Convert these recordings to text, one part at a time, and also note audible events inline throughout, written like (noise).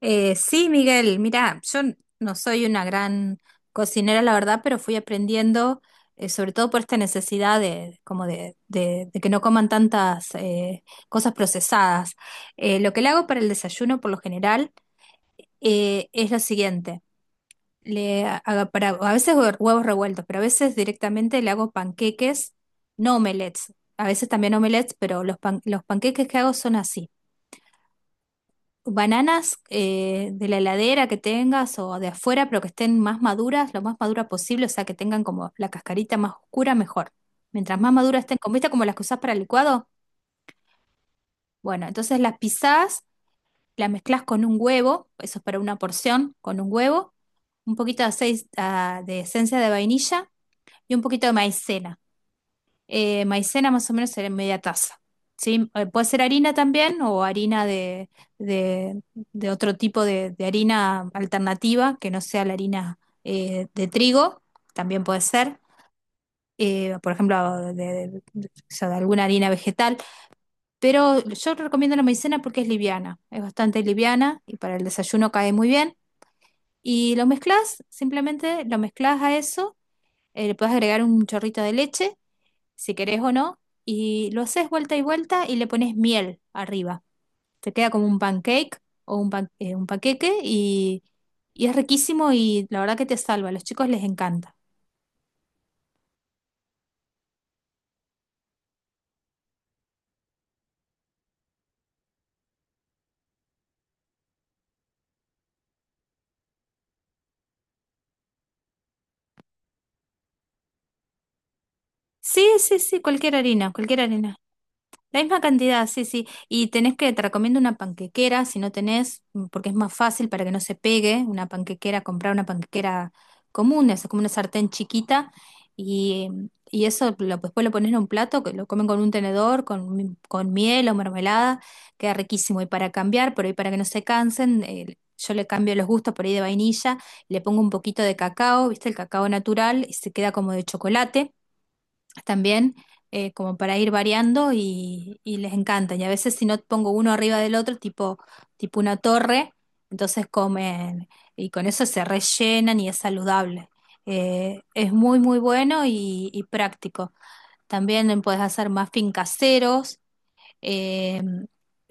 Sí, Miguel, mira, yo no soy una gran cocinera, la verdad, pero fui aprendiendo, sobre todo por esta necesidad de, como de que no coman tantas cosas procesadas. Lo que le hago para el desayuno, por lo general, es lo siguiente. Le hago a veces huevos revueltos, pero a veces directamente le hago panqueques, no omelets. A veces también omelets, pero los panqueques que hago son así. Bananas de la heladera que tengas o de afuera, pero que estén más maduras, lo más madura posible, o sea, que tengan como la cascarita más oscura, mejor. Mientras más maduras estén, como viste, como las que usás para el licuado. Bueno, entonces las pisás, las mezclas con un huevo, eso es para una porción, con un huevo, un poquito de aceite, de esencia de vainilla y un poquito de maicena. Maicena más o menos sería media taza. ¿Sí? Puede ser harina también o harina de- de otro tipo de harina alternativa que no sea la harina de trigo, también puede ser. Por ejemplo, o sea, de alguna harina vegetal, pero yo recomiendo la maicena porque es liviana, es bastante liviana y para el desayuno cae muy bien. Y lo mezclas, simplemente lo mezclas a eso, le puedes agregar un chorrito de leche si querés o no, y lo haces vuelta y vuelta y le pones miel arriba. Te queda como un pancake o un panqueque y es riquísimo y la verdad que te salva. A los chicos les encanta. Sí, sí, sí, cualquier harina, cualquier harina. La misma cantidad, sí, sí. Y te recomiendo una panquequera, si no tenés, porque es más fácil para que no se pegue una panquequera, comprar una panquequera común, es como una sartén chiquita, y eso después lo pones en un plato, que lo comen con un tenedor, con miel o mermelada, queda riquísimo. Y para cambiar, por ahí para que no se cansen, yo le cambio los gustos por ahí de vainilla, le pongo un poquito de cacao, viste, el cacao natural, y se queda como de chocolate también, como para ir variando y les encantan. Y a veces si no pongo uno arriba del otro, tipo, una torre, entonces comen y con eso se rellenan y es saludable. Es muy, muy bueno y práctico. También puedes hacer muffin caseros, eh,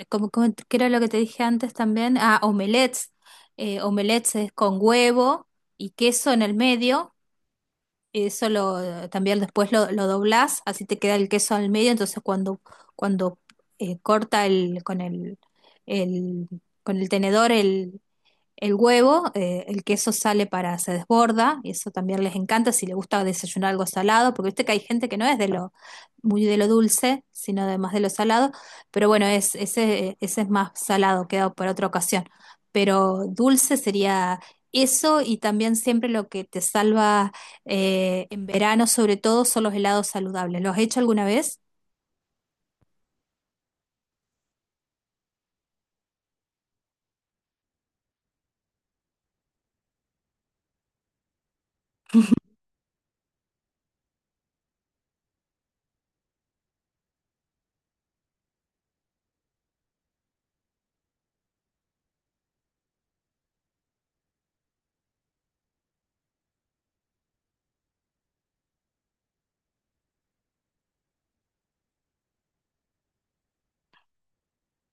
¿qué era lo que te dije antes también? Ah, omelets. Omelets es con huevo y queso en el medio. Eso lo también después lo doblás, así te queda el queso al medio. Entonces cuando, cuando corta con el- con el tenedor el huevo, el queso sale, se desborda, y eso también les encanta si les gusta desayunar algo salado, porque viste que hay gente que no es muy de lo dulce, sino además de lo salado, pero bueno, ese es más salado, quedado para otra ocasión. Pero dulce sería eso, y también siempre lo que te salva en verano, sobre todo, son los helados saludables. ¿Los has hecho alguna vez?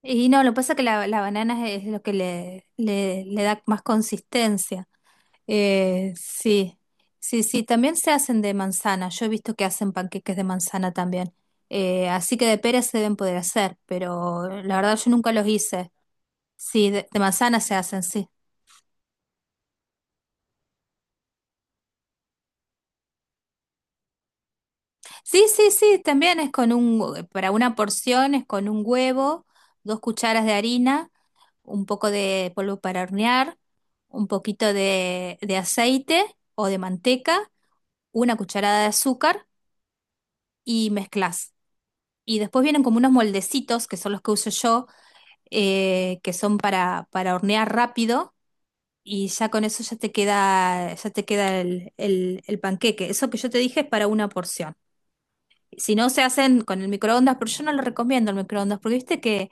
Y no, lo que pasa es que la banana es lo que le da más consistencia. Sí, sí, sí, también se hacen de manzana. Yo he visto que hacen panqueques de manzana también. Así que de pera se deben poder hacer, pero la verdad yo nunca los hice. Sí, de manzana se hacen, sí. Sí, sí, sí, también es con para una porción es con un huevo, dos cucharas de harina, un poco de polvo para hornear, un poquito de aceite o de manteca, una cucharada de azúcar y mezclas. Y después vienen como unos moldecitos, que son los que uso yo, que son para hornear rápido, y ya con eso ya te queda el panqueque. Eso que yo te dije es para una porción. Si no, se hacen con el microondas, pero yo no lo recomiendo el microondas, porque viste que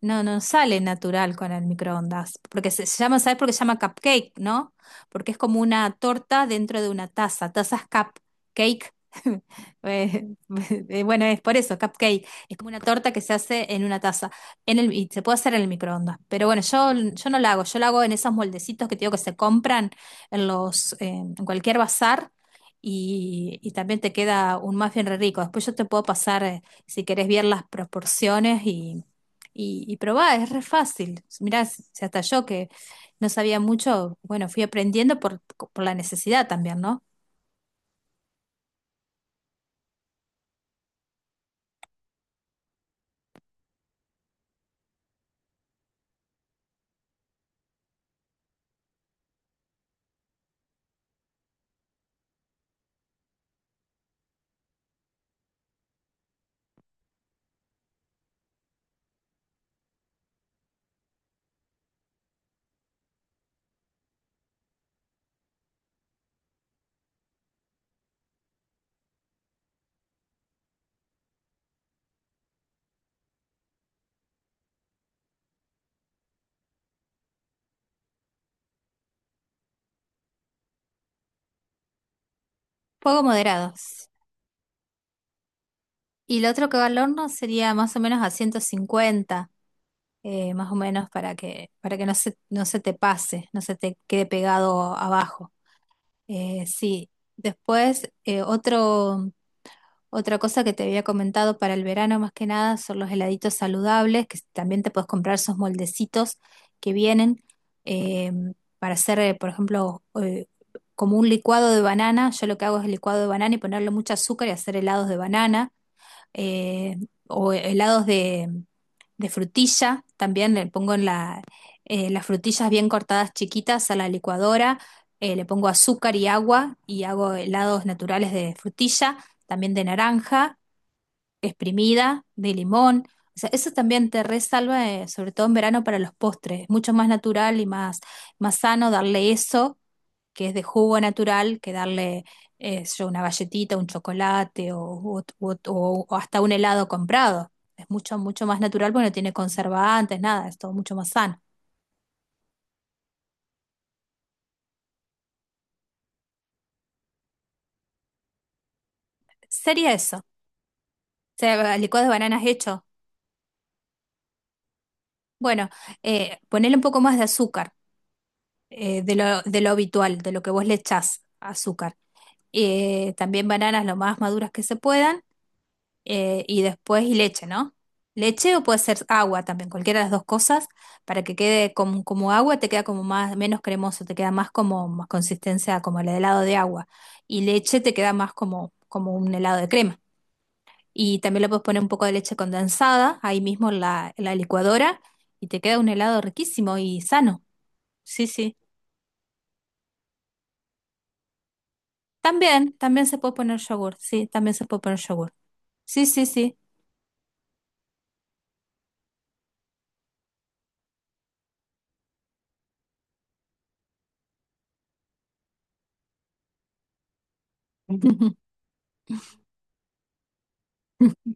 no sale natural con el microondas, porque se llama, ¿sabes por qué se llama cupcake, no? Porque es como una torta dentro de una taza, tazas cupcake. (laughs) Eh, (laughs) Bueno, es por eso, cupcake. Es como una torta que se hace en una taza. Y se puede hacer en el microondas. Pero bueno, yo no la hago. Yo la hago en esos moldecitos que te digo que se compran en en cualquier bazar. Y también te queda un muffin re rico. Después yo te puedo pasar, si querés, ver las proporciones y probá, es re fácil. Mirá, si hasta yo que no sabía mucho, bueno, fui aprendiendo por la necesidad también, ¿no? Fuego moderado. Y lo otro que va al horno sería más o menos a 150, más o menos para que, no no se te pase, no se te quede pegado abajo. Sí. Después, otro Otra cosa que te había comentado para el verano más que nada son los heladitos saludables, que también te puedes comprar esos moldecitos que vienen, eh, para hacer, por ejemplo, como un licuado de banana. Yo lo que hago es el licuado de banana y ponerle mucho azúcar y hacer helados de banana, eh, o helados de frutilla, también le pongo en las frutillas bien cortadas chiquitas a la licuadora, le pongo azúcar y agua y hago helados naturales de frutilla, también de naranja, exprimida, de limón. O sea, eso también te resalva, sobre todo en verano para los postres. Es mucho más natural y más sano darle eso que es de jugo natural, que darle, yo una galletita, un chocolate o, u ot- o hasta un helado comprado. Es mucho, mucho más natural porque no tiene conservantes, nada, es todo mucho más sano. Sería eso. O sea, licuado de bananas hecho. Bueno, ponerle un poco más de azúcar, de lo habitual, de lo que vos le echás azúcar. También bananas lo más maduras que se puedan, y después leche, ¿no? Leche o puede ser agua también, cualquiera de las dos cosas, para que quede como agua, te queda como más, menos cremoso, te queda más como más consistencia como el helado de agua. Y leche te queda más como un helado de crema. Y también le puedes poner un poco de leche condensada ahí mismo en la licuadora y te queda un helado riquísimo y sano. Sí, sí. También, se puede poner yogur, sí, también se puede poner yogur. Sí, sí, sí. (laughs)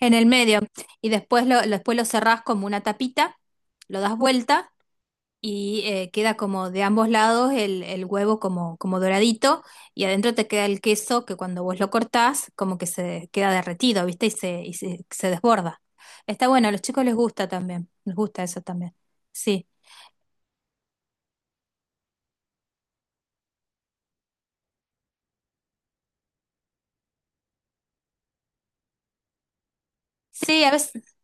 En el medio. Y después después lo cerrás como una tapita, lo das vuelta y, queda como de ambos lados el huevo como doradito y adentro te queda el queso que cuando vos lo cortás como que se queda derretido, ¿viste? Y se desborda. Está bueno, a los chicos les gusta también, les gusta eso también. Sí, sí, a veces,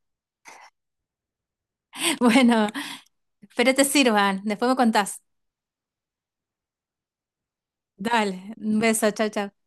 (laughs) bueno, pero te sirvan, después me contás. Dale, un beso, chao, chao.